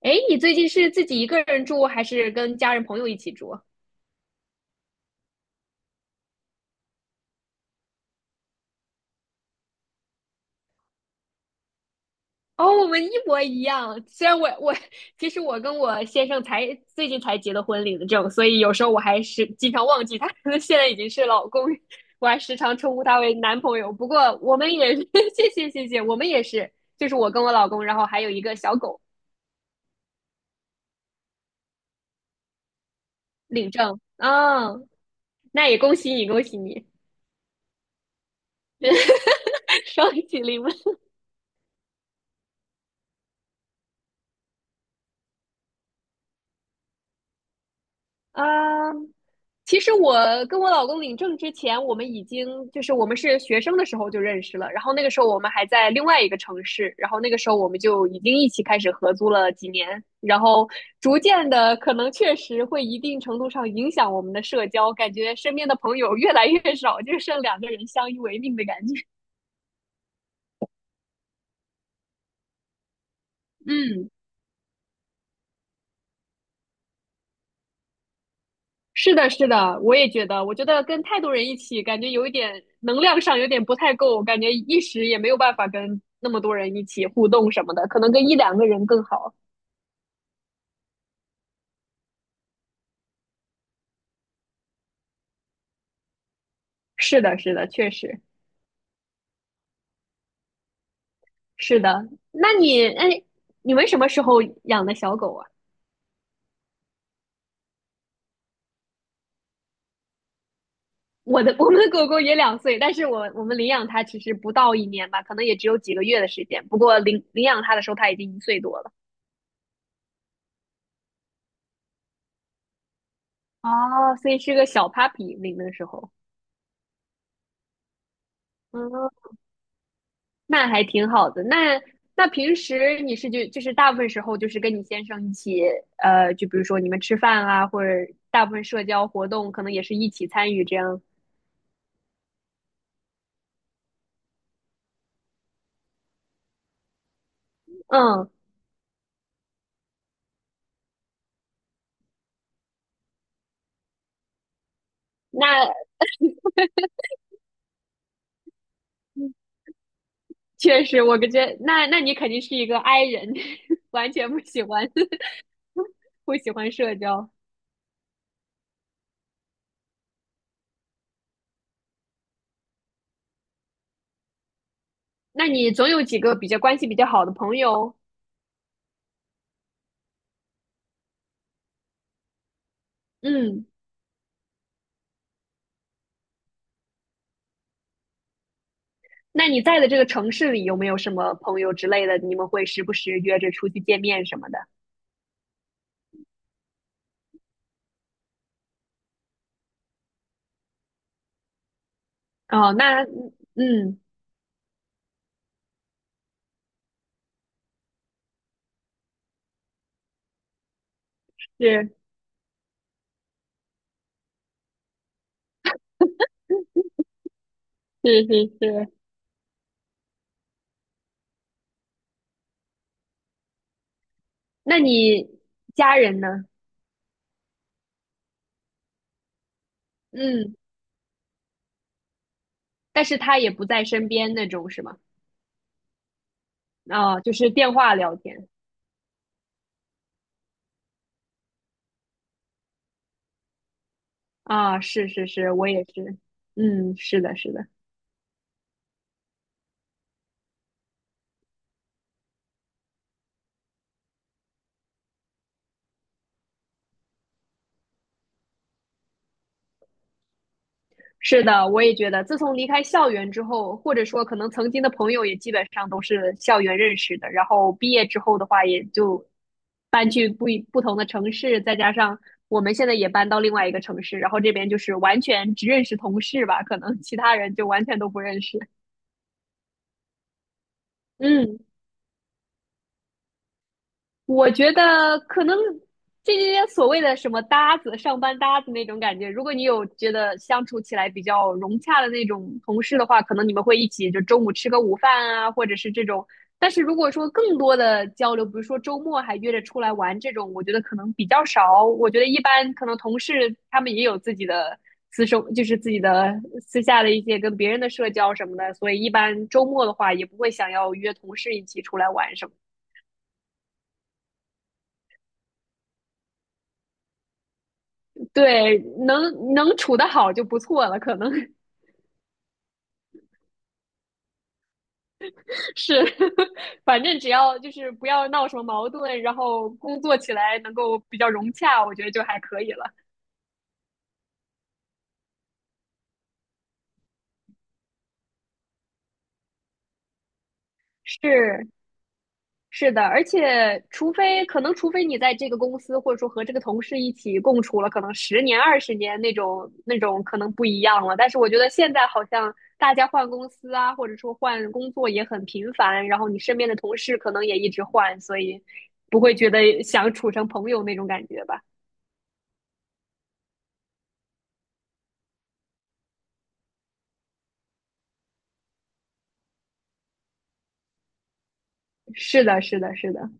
哎，你最近是自己一个人住，还是跟家人朋友一起住？哦，我们一模一样。虽然我我其实我跟我先生才最近才结的婚领的证，所以有时候我还是经常忘记他可能 现在已经是老公，我还时常称呼他为男朋友。不过我们也是 谢谢，我们也是，就是我跟我老公，然后还有一个小狗领证。啊，那也恭喜你，恭喜你，双喜临门。嗯，其实我跟我老公领证之前，我们已经就是我们是学生的时候就认识了，然后那个时候我们还在另外一个城市，然后那个时候我们就已经一起开始合租了几年，然后逐渐的可能确实会一定程度上影响我们的社交，感觉身边的朋友越来越少，就剩两个人相依为命的感觉。嗯，是的，是的，我也觉得，我觉得跟太多人一起，感觉有一点能量上有点不太够，感觉一时也没有办法跟那么多人一起互动什么的，可能跟一两个人更好。是的，是的，确实是的。那你，哎，你们什么时候养的小狗啊？我的，我们的狗狗也两岁，但是我们领养它其实不到一年吧，可能也只有几个月的时间。不过领养它的时候，它已经一岁多了。哦，所以是个小 puppy 领的时候。嗯，那还挺好的。那平时你是就是大部分时候就是跟你先生一起，就比如说你们吃饭啊，或者大部分社交活动可能也是一起参与这样。嗯，那确实，我感觉那你肯定是一个 I 人，完全不喜欢 不喜欢社交。那你总有几个比较关系比较好的朋友，嗯。那你在的这个城市里有没有什么朋友之类的？你们会时不时约着出去见面什么的？哦，那嗯，嗯是是是是，那你家人呢？嗯，但是他也不在身边那种是吗？啊，就是电话聊天啊，是是是，我也是，嗯，是的，是的，是的，我也觉得，自从离开校园之后，或者说可能曾经的朋友也基本上都是校园认识的，然后毕业之后的话，也就搬去不同的城市，再加上我们现在也搬到另外一个城市，然后这边就是完全只认识同事吧，可能其他人就完全都不认识，嗯。我觉得可能这些所谓的什么搭子、上班搭子那种感觉，如果你有觉得相处起来比较融洽的那种同事的话，可能你们会一起就中午吃个午饭啊，或者是这种。但是如果说更多的交流，比如说周末还约着出来玩这种，我觉得可能比较少。我觉得一般可能同事他们也有自己的私生，就是自己的私下的一些跟别人的社交什么的，所以一般周末的话也不会想要约同事一起出来玩什么的对，能能处得好就不错了，可能是，反正只要就是不要闹什么矛盾，然后工作起来能够比较融洽，我觉得就还可以了。是，是的，而且除非可能，除非你在这个公司或者说和这个同事一起共处了，可能10年、20年那种那种可能不一样了。但是我觉得现在好像大家换公司啊，或者说换工作也很频繁，然后你身边的同事可能也一直换，所以不会觉得想处成朋友那种感觉吧？是的，是的，是的，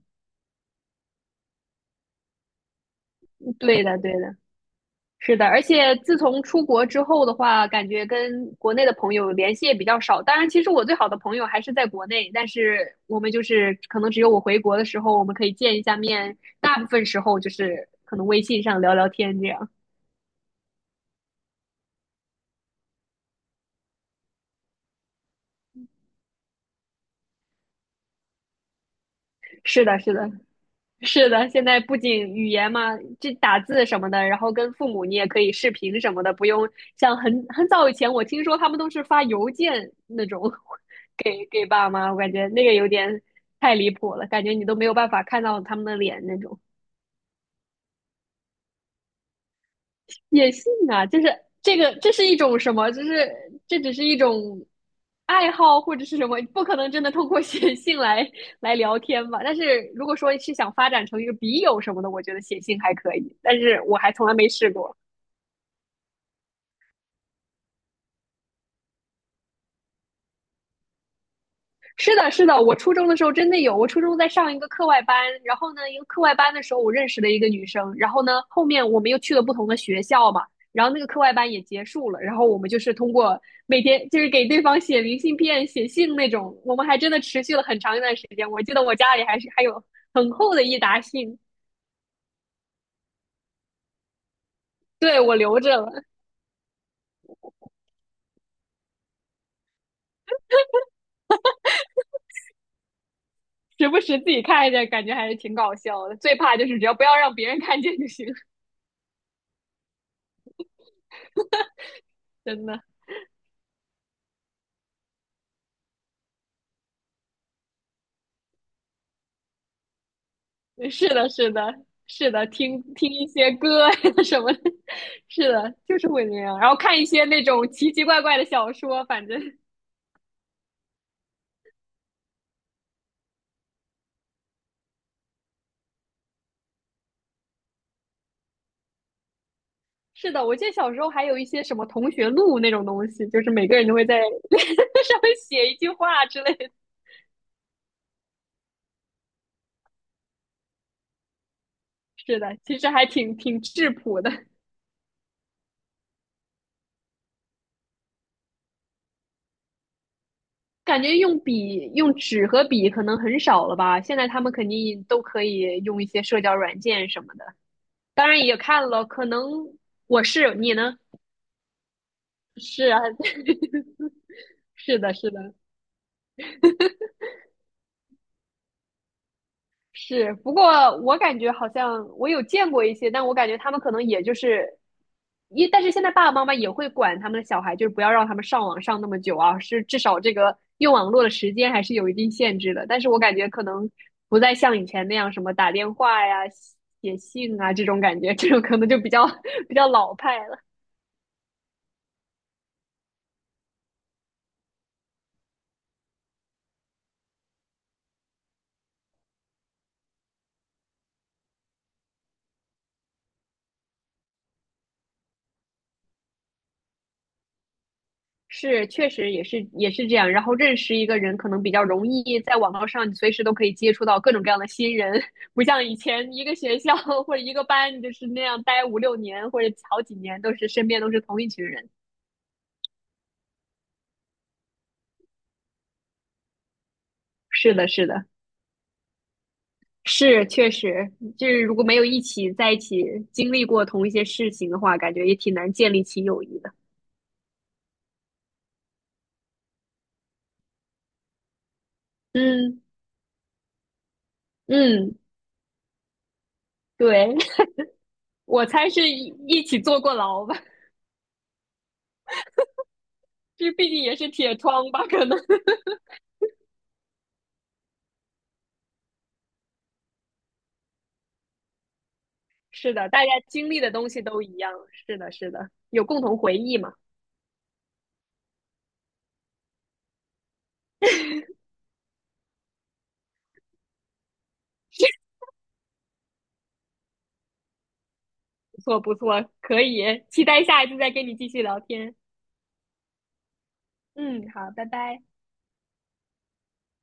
对的，对的。是的，而且自从出国之后的话，感觉跟国内的朋友联系也比较少。当然，其实我最好的朋友还是在国内，但是我们就是可能只有我回国的时候，我们可以见一下面，大部分时候就是可能微信上聊聊天这样。是的，是的，是的，现在不仅语言嘛，这打字什么的，然后跟父母你也可以视频什么的，不用像很早以前，我听说他们都是发邮件那种 给爸妈，我感觉那个有点太离谱了，感觉你都没有办法看到他们的脸那种。写信啊，就是这个，这是一种什么？就是这只是一种爱好或者是什么？不可能真的通过写信来来聊天吧？但是如果说是想发展成一个笔友什么的，我觉得写信还可以，但是我还从来没试过。是的，是的，我初中的时候真的有。我初中在上一个课外班，然后呢，一个课外班的时候，我认识了一个女生，然后呢，后面我们又去了不同的学校嘛，然后那个课外班也结束了，然后我们就是通过每天就是给对方写明信片、写信那种，我们还真的持续了很长一段时间。我记得我家里还有很厚的一沓信，对，我留着了，时不时自己看一下，感觉还是挺搞笑的。最怕就是只要不要让别人看见就行，真的。是的，是的，是的，听听一些歌啊呀 什么的，是的，就是会那样。然后看一些那种奇奇怪怪的小说，反正是的。我记得小时候还有一些什么同学录那种东西，就是每个人都会在 上面写一句话之类的。是的，其实还挺质朴的，感觉用笔、用纸和笔可能很少了吧。现在他们肯定都可以用一些社交软件什么的，当然也看了，可能我是你呢？是啊。是的，是的，是。不过我感觉好像我有见过一些，但我感觉他们可能也就是，一，但是现在爸爸妈妈也会管他们的小孩，就是不要让他们上网上那么久啊，是至少这个用网络的时间还是有一定限制的。但是我感觉可能不再像以前那样什么打电话呀、写信啊这种感觉，这种可能就比较 比较老派。了。是，确实也是这样。然后认识一个人可能比较容易，在网络上你随时都可以接触到各种各样的新人，不像以前一个学校或者一个班，你就是那样待5、6年或者好几年，都是身边都是同一群人。是的，是的，是确实，就是如果没有一起在一起经历过同一些事情的话，感觉也挺难建立起友谊的。嗯嗯，对，我猜是一起坐过牢吧，这毕竟也是铁窗吧，可能。是的，大家经历的东西都一样，是的，是的，有共同回忆嘛，不错，不错，可以，期待下一次再跟你继续聊天。嗯，好，拜拜。